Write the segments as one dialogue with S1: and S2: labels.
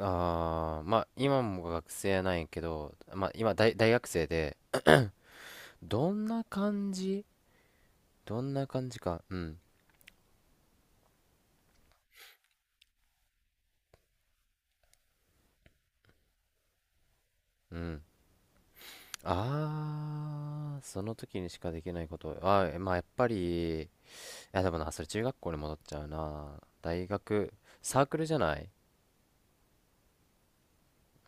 S1: ああ、まあ今も学生なんやけど、まあ今大学生で、どんな感じ。どんな感じか。うん、うん。ああ、その時にしかできないこと。ああ、まあやっぱり、いやでもな、それ中学校に戻っちゃうな。大学、サークルじゃない？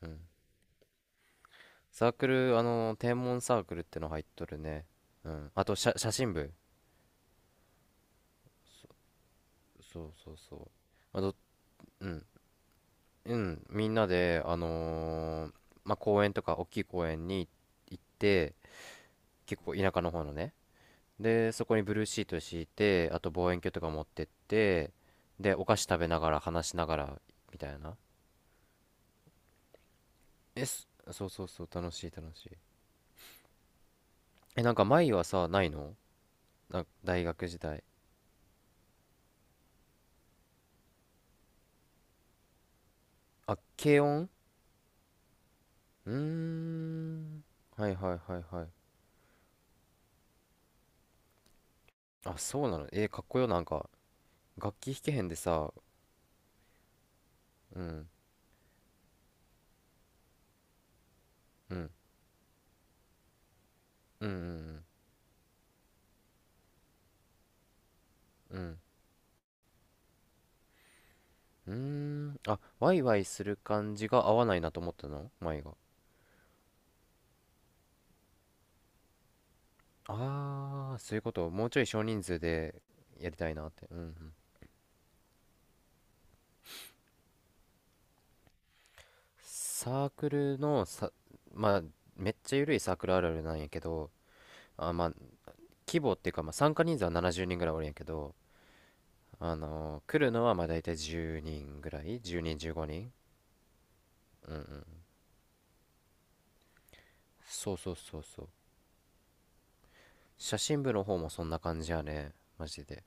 S1: うん。サークル、あの、天文サークルっての入っとるね。うん。あと、写真部。そうそうそう。まあ、うん。うん、みんなで、まあ、公園とか大きい公園に行って、結構田舎の方のね、で、そこにブルーシート敷いて、あと望遠鏡とか持ってって、で、お菓子食べながら話しながらみたいな。え、そそうそうそう、楽しい楽しい。え、なんか前はさ、ないの？大学時代。あ、軽音。うーん。はいはいはいはい。あ、そうなの。かっこよ、なんか。楽器弾けへんでさ、うん、うん、うん、うん、うん。うんうーん。あ、ワイワイする感じが合わないなと思ったの前が？ああ、そういうこと。もうちょい少人数でやりたいなって。うんうん。サークルのさ、まあ、めっちゃ緩いサークルあるあるなんやけど、まあ、規模っていうか、まあ、参加人数は70人ぐらいおるんやけど、来るのはまあ大体10人ぐらい？ 10 人、15人。そうそうそうそう。写真部の方もそんな感じやね。マジで。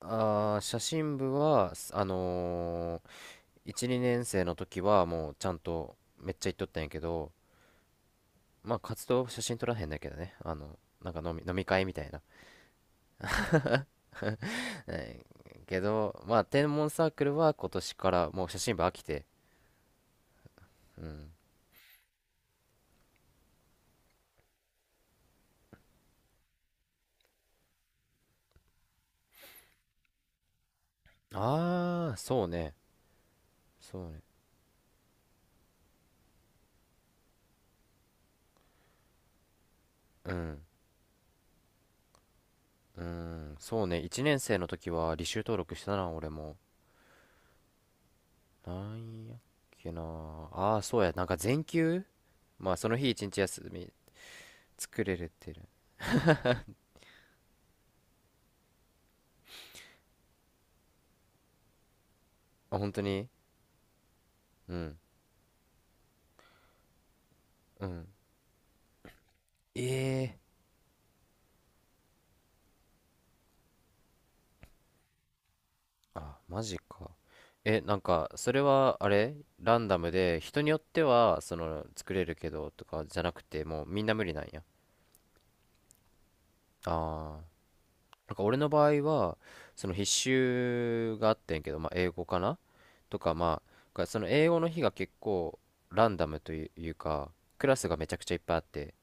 S1: ああ、写真部は、ー1、2年生の時はもうちゃんとめっちゃ行っとったんやけど、まあ活動写真撮らへんだけどね。あの、なんか飲み会みたいな。えーけど、まあ天文サークルは今年からもう写真部飽きて。うん。ああ、そうね。そうね。うん。うん。そうね。1年生の時は履修登録したな、俺も。なんやっけな。ああ、そうや。なんか全休、まあその日一日休み作れるってる。あ、本当に？うん。うん。ええ。あ、マジか。え、なんか、それは、あれ、ランダムで、人によっては、その、作れるけど、とか、じゃなくて、もう、みんな無理なんや？ああ。なんか、俺の場合は、その、必修があってんけど、まあ、英語かなとか、まあ、その、英語の日が結構、ランダムというか、クラスがめちゃくちゃいっぱいあって、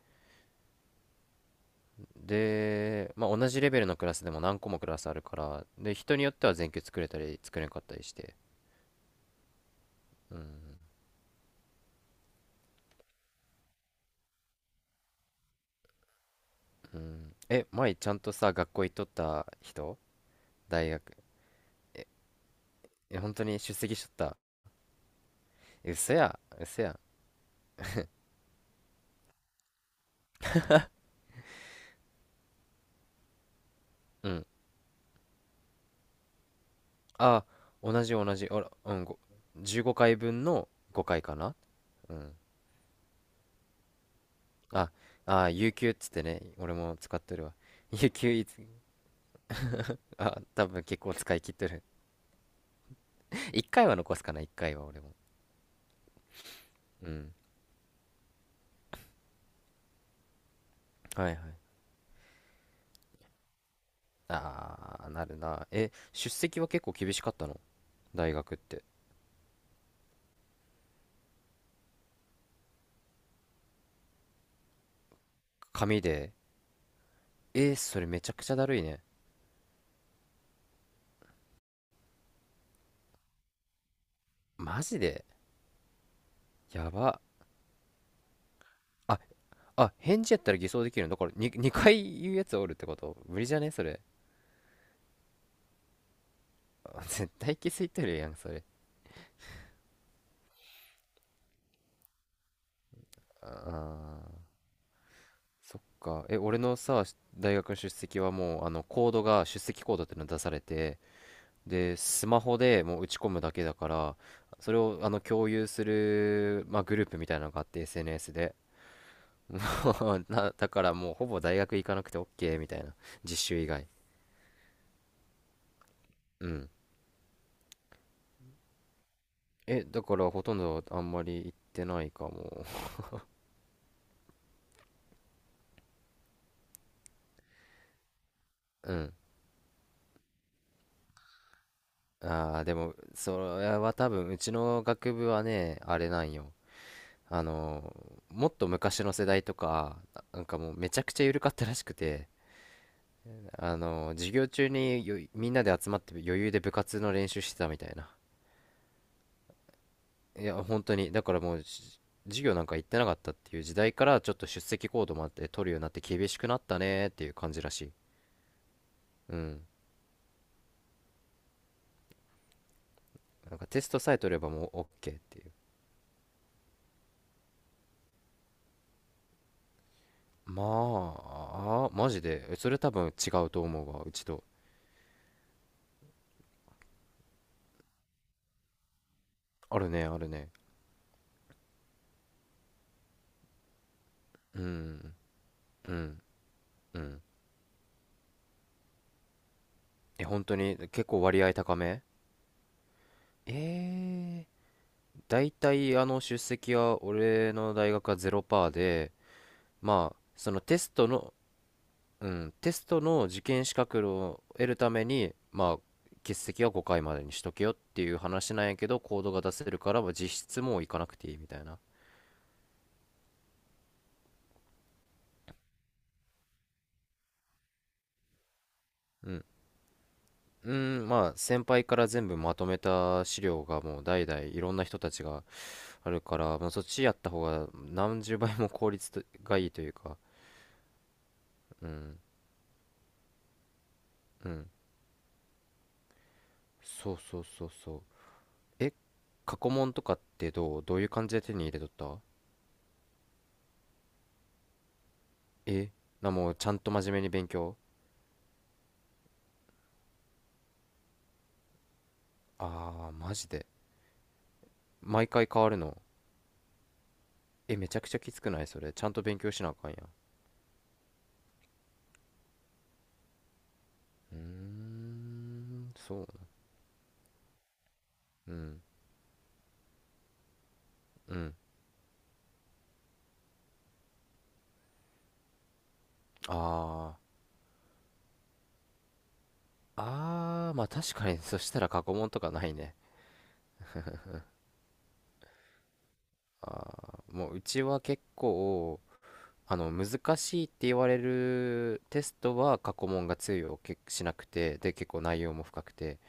S1: で、まあ、同じレベルのクラスでも何個もクラスあるから、で、人によっては全級作れたり、作れなかったりして、うん。え、前ちゃんとさ、学校行っとった人？大学。え、え、本当に出席しとった？え、嘘や、嘘や。うん。あ、同じ同じ。あら、うん、15回分の5回かな？うん。あ、あ、有給っつってね、俺も使ってるわ。有給いつ、あ、多分結構使い切ってる。1回は残すかな、1回は俺も。うん。はいはい。あー、なるな。え、出席は結構厳しかったの？大学って。紙で。それめちゃくちゃだるいね。マジで。やば。あ、あ、返事やったら偽装できるんだ。これに 2, 回言うやつおるってこと無理じゃね、それ。あ、絶対気づいてるやん、それ。あー、そっか。え、俺のさ、大学の出席はもう、あの、コードが、出席コードっていうの出されて、で、スマホでもう打ち込むだけだから、それを、あの、共有する、まあ、グループみたいなのがあって、SNS で。もうな、だからもう、ほぼ大学行かなくて OK みたいな。実習以外。うん。え、だからほとんどあんまり行ってないかも。うん。ああ、でも、それは多分、うちの学部はね、あれなんよ。あの、もっと昔の世代とか、なんかもうめちゃくちゃ緩かったらしくて、あの、授業中にみんなで集まって余裕で部活の練習してたみたいな。いや、本当に。だからもう、授業なんか行ってなかったっていう時代から、ちょっと出席行動もあって取るようになって厳しくなったねっていう感じらしい。うん。なんかテストさえ取ればもう OK っていう。まあ、マジで。え、それ多分違うと思うわ、うちと。あるね、あるね。うん、うん、うん。え、本当に結構割合高め？え、大体あの出席は俺の大学はゼロパーで、まあ、そのテストの、うん、テストの受験資格を得るために、まあ、欠席は5回までにしとけよっていう話なんやけど、コードが出せるから、まあ実質もう行かなくていいみたいな。うん。うん、まあ先輩から全部まとめた資料がもう代々いろんな人たちがあるから、まあ、そっちやった方が何十倍も効率とがいいというか、うん、そうそうそうそう。え、過去問とかってどういう感じで手に入れとった？え、もうちゃんと真面目に勉強？ああー、マジで。毎回変わるの？え、めちゃくちゃきつくない、それ？ちゃんと勉強しなあかんやん。うん、そう。うん、うん。ああ、ああ、まあ確かにそしたら過去問とかないね。あーもううちは結構あの難しいって言われるテストは過去問が通用けしなくて、で結構内容も深くて、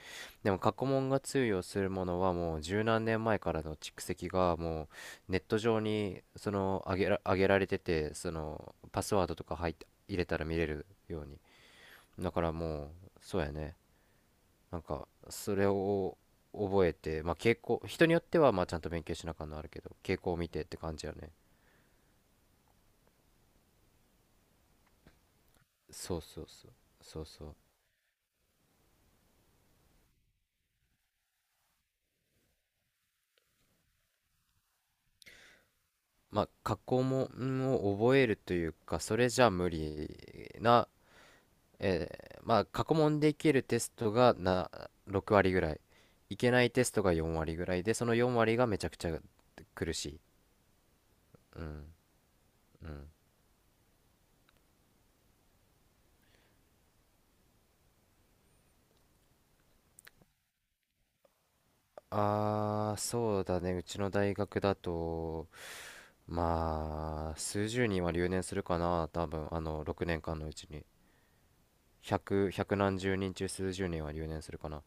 S1: でも過去問が通用するものはもう十何年前からの蓄積がもうネット上にその上げられてて、そのパスワードとか入って入れたら見れるように。だからもう、そうやね、なんかそれを覚えて、まあ傾向、人によってはまあちゃんと勉強しなあかんのあるけど、傾向を見てって感じやね。そうそうそうそうそう。まあ過去問を覚えるというかそれじゃ無理な、えまあ過去問でいけるテストがな6割ぐらい、いけないテストが4割ぐらいで、その4割がめちゃくちゃ苦しい。うん。うん。ああー、そうだね、うちの大学だと、まあ数十人は留年するかな、多分あの6年間のうちに。100、ひゃく何十人中数十人は留年するかな。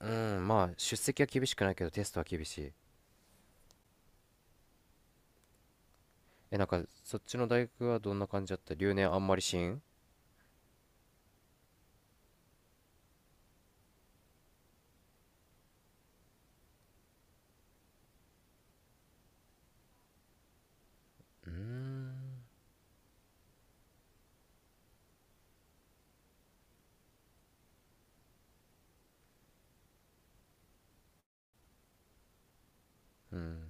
S1: うん、まあ出席は厳しくないけどテストは厳しい。え、なんかそっちの大学はどんな感じだった？留年あんまりしん？うーん。うん